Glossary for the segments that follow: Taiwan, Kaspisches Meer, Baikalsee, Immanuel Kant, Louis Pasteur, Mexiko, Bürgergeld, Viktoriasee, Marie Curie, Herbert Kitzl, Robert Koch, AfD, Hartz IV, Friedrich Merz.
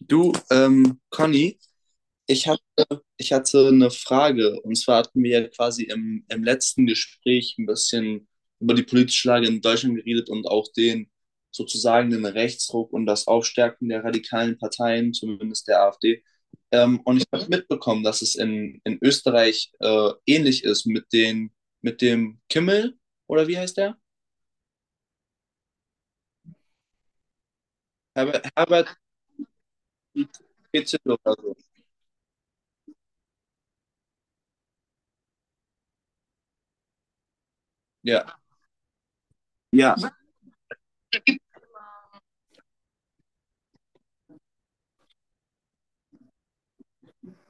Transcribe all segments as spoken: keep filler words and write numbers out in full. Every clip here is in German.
Du, ähm, Conny, ich hab, ich hatte eine Frage. Und zwar hatten wir ja quasi im, im letzten Gespräch ein bisschen über die politische Lage in Deutschland geredet und auch den sozusagen den Rechtsruck und das Aufstärken der radikalen Parteien, zumindest der AfD. Ähm, und ich habe mitbekommen, dass es in, in Österreich äh, ähnlich ist mit den, mit dem Kimmel, oder wie heißt der? Herbert, Herbert Kitzl oder so. Ja. Ja,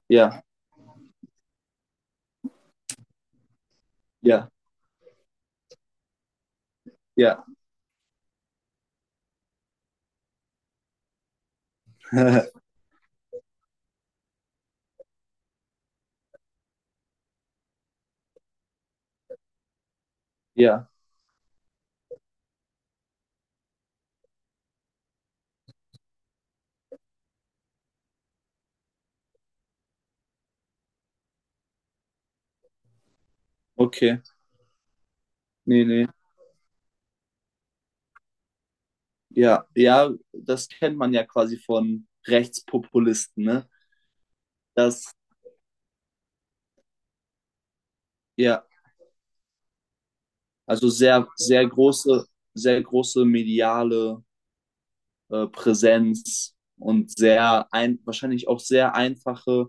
ja, ja, ja, ja. Okay, nee, nee. Ja, ja, das kennt man ja quasi von Rechtspopulisten, ne? Das, ja, also sehr, sehr große, sehr große mediale äh, Präsenz und sehr ein, wahrscheinlich auch sehr einfache,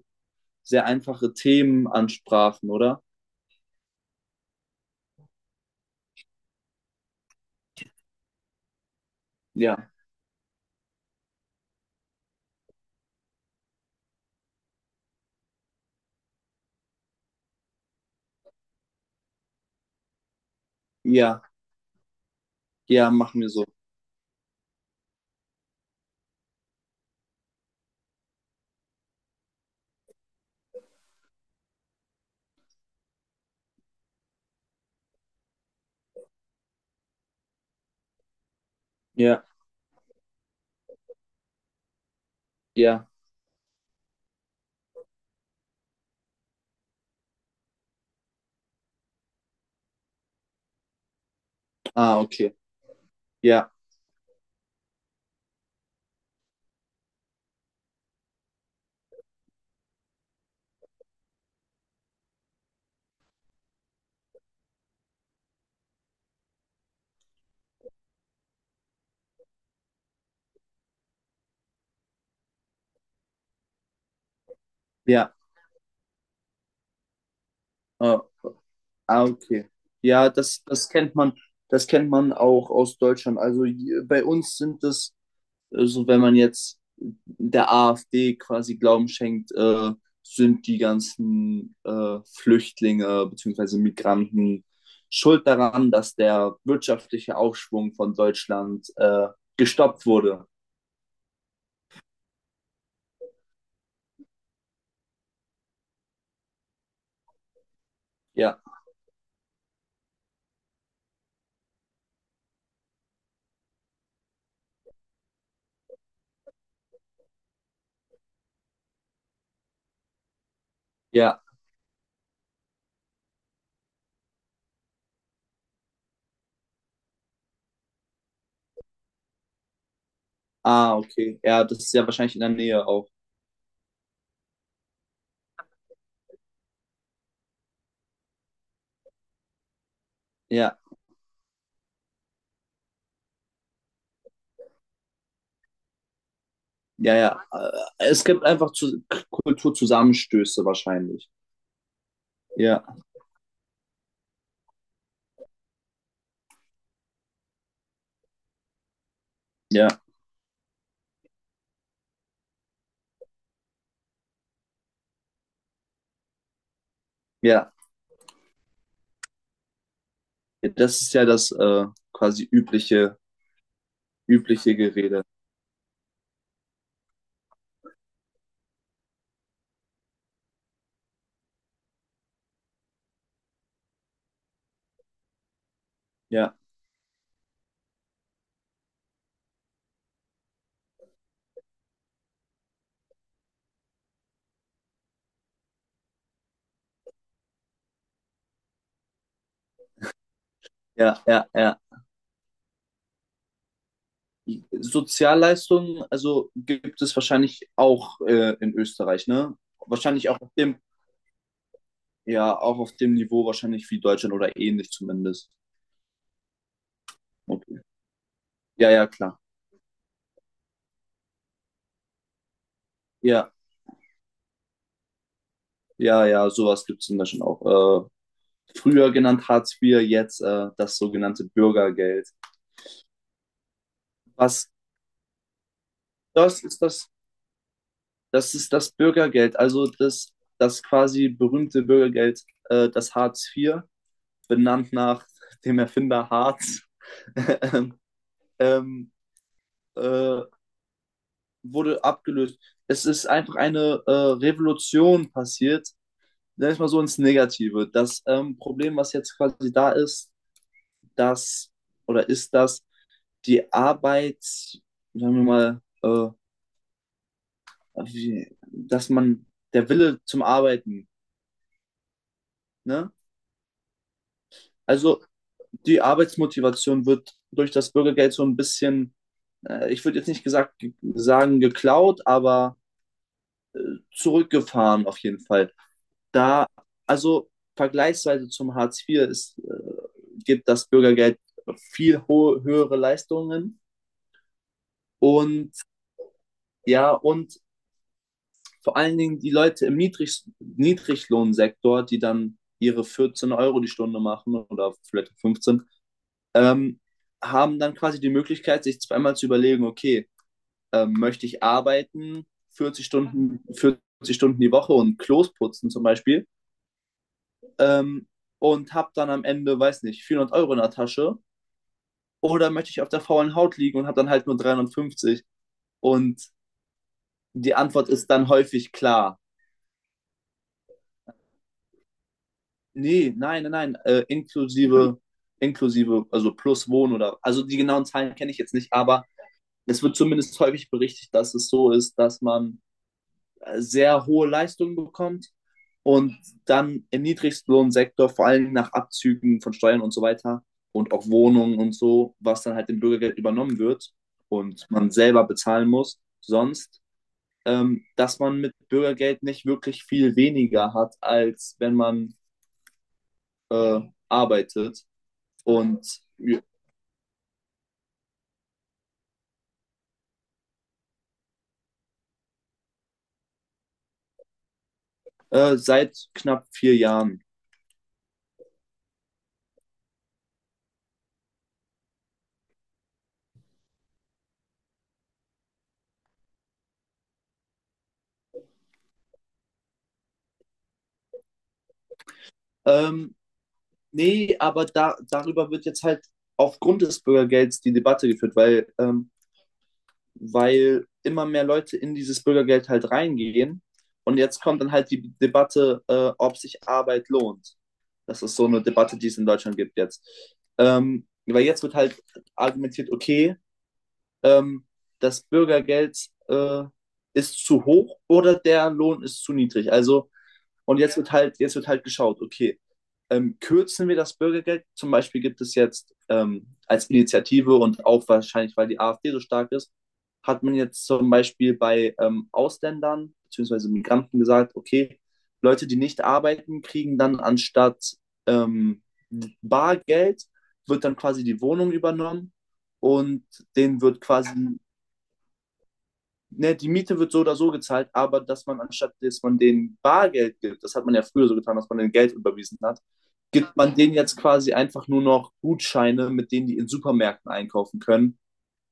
sehr einfache Themen ansprachen, oder? Ja, ja, ja, machen wir so. Ja, ja. Ah, okay. Ja, ja. Äh, ah, okay. Ja, das, das kennt man, das kennt man auch aus Deutschland. Also j- bei uns sind es, also wenn man jetzt der AfD quasi Glauben schenkt, äh, sind die ganzen äh, Flüchtlinge bzw. Migranten schuld daran, dass der wirtschaftliche Aufschwung von Deutschland äh, gestoppt wurde. Ja, ja. Ah, okay. Ja, das ist ja wahrscheinlich in der Nähe auch. Ja, ja, ja. Äh, Es gibt einfach zu, K- Kulturzusammenstöße wahrscheinlich. Ja, ja, ja. Das ist ja das äh, quasi übliche, übliche Gerede. Ja. Ja, ja, ja. Sozialleistungen, also gibt es wahrscheinlich auch äh, in Österreich, ne? Wahrscheinlich auch auf dem, ja, auch auf dem Niveau wahrscheinlich wie Deutschland oder ähnlich zumindest. Okay. Ja, ja, klar. Ja, ja, ja, sowas gibt es in Deutschland auch. Äh, früher genannt Hartz vier, jetzt äh, das sogenannte Bürgergeld. Was das ist das, Das ist das Bürgergeld, also das, das quasi berühmte Bürgergeld, äh, das Hartz vier, benannt nach dem Erfinder Hartz. ähm, äh, Wurde abgelöst. Es ist einfach eine äh, Revolution passiert, sag ich mal so ins Negative. Das ähm, Problem, was jetzt quasi da ist, dass oder ist das die Arbeit, sagen wir mal, äh, wie, dass man der Wille zum Arbeiten, ne? Also die Arbeitsmotivation wird durch das Bürgergeld so ein bisschen, äh, ich würde jetzt nicht gesagt, sagen geklaut, aber zurückgefahren auf jeden Fall. Da, also vergleichsweise zum Hartz vier ist, äh, gibt das Bürgergeld viel ho- höhere Leistungen und ja, und vor allen Dingen die Leute im Niedrig Niedriglohnsektor, die dann ihre vierzehn Euro die Stunde machen oder vielleicht fünfzehn, ähm, haben dann quasi die Möglichkeit, sich zweimal zu überlegen, okay, ähm, möchte ich arbeiten vierzig Stunden, vierzig Stunden die Woche und Klos putzen zum Beispiel, ähm, und habe dann am Ende, weiß nicht, vierhundert Euro in der Tasche oder möchte ich auf der faulen Haut liegen und habe dann halt nur dreihundertfünfzig? Und die Antwort ist dann häufig klar. Nee, nein, nein, nein, äh, inklusive, inklusive, also plus Wohnen oder, also die genauen Zahlen kenne ich jetzt nicht, aber es wird zumindest häufig berichtet, dass es so ist, dass man äh, sehr hohe Leistungen bekommt und dann im Niedriglohnsektor vor allem nach Abzügen von Steuern und so weiter und auch Wohnungen und so, was dann halt im Bürgergeld übernommen wird und man selber bezahlen muss, sonst, ähm, dass man mit Bürgergeld nicht wirklich viel weniger hat, als wenn man äh, arbeitet, und äh, seit knapp vier Jahren. Ähm, Nee, aber da, darüber wird jetzt halt aufgrund des Bürgergelds die Debatte geführt, weil ähm, weil immer mehr Leute in dieses Bürgergeld halt reingehen. Und jetzt kommt dann halt die Debatte, äh, ob sich Arbeit lohnt. Das ist so eine Debatte, die es in Deutschland gibt jetzt. Ähm, weil jetzt wird halt argumentiert, okay, ähm, das Bürgergeld äh, ist zu hoch oder der Lohn ist zu niedrig. Also und jetzt wird halt, jetzt wird halt geschaut, okay, ähm, kürzen wir das Bürgergeld? Zum Beispiel gibt es jetzt ähm, als Initiative und auch wahrscheinlich, weil die AfD so stark ist, hat man jetzt zum Beispiel bei ähm, Ausländern bzw. Migranten gesagt, okay, Leute, die nicht arbeiten, kriegen dann anstatt ähm, Bargeld, wird dann quasi die Wohnung übernommen, und denen wird quasi ne, die Miete wird so oder so gezahlt, aber dass man anstatt, dass man denen Bargeld gibt, das hat man ja früher so getan, dass man denen Geld überwiesen hat, gibt man denen jetzt quasi einfach nur noch Gutscheine, mit denen die in Supermärkten einkaufen können,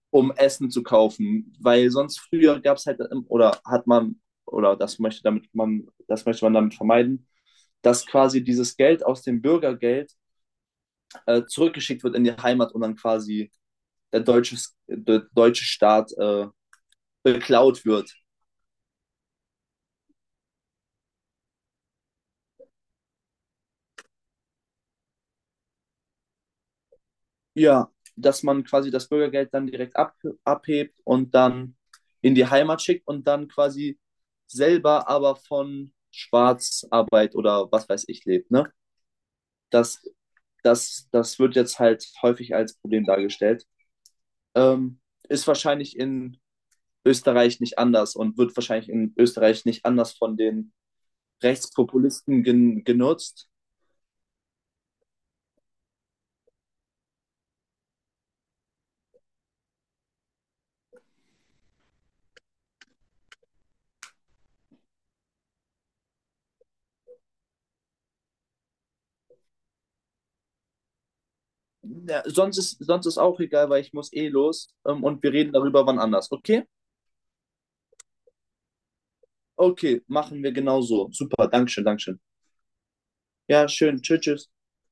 um Essen zu kaufen. Weil sonst früher gab es halt, oder hat man, oder das möchte damit man, das möchte man damit vermeiden, dass quasi dieses Geld aus dem Bürgergeld äh, zurückgeschickt wird in die Heimat und dann quasi der deutsche, der deutsche Staat äh, beklaut wird. Ja, dass man quasi das Bürgergeld dann direkt ab, abhebt und dann in die Heimat schickt und dann quasi selber aber von Schwarzarbeit oder was weiß ich lebt. Ne? Das, das, Das wird jetzt halt häufig als Problem dargestellt. Ähm, Ist wahrscheinlich in Österreich nicht anders und wird wahrscheinlich in Österreich nicht anders von den Rechtspopulisten gen genutzt. Ja, sonst, ist, sonst ist auch egal, weil ich muss eh los, ähm, und wir reden darüber wann anders, okay? Okay, machen wir genauso. Super, Dankeschön, Dankeschön. Ja, schön. Tschüss, tschüss.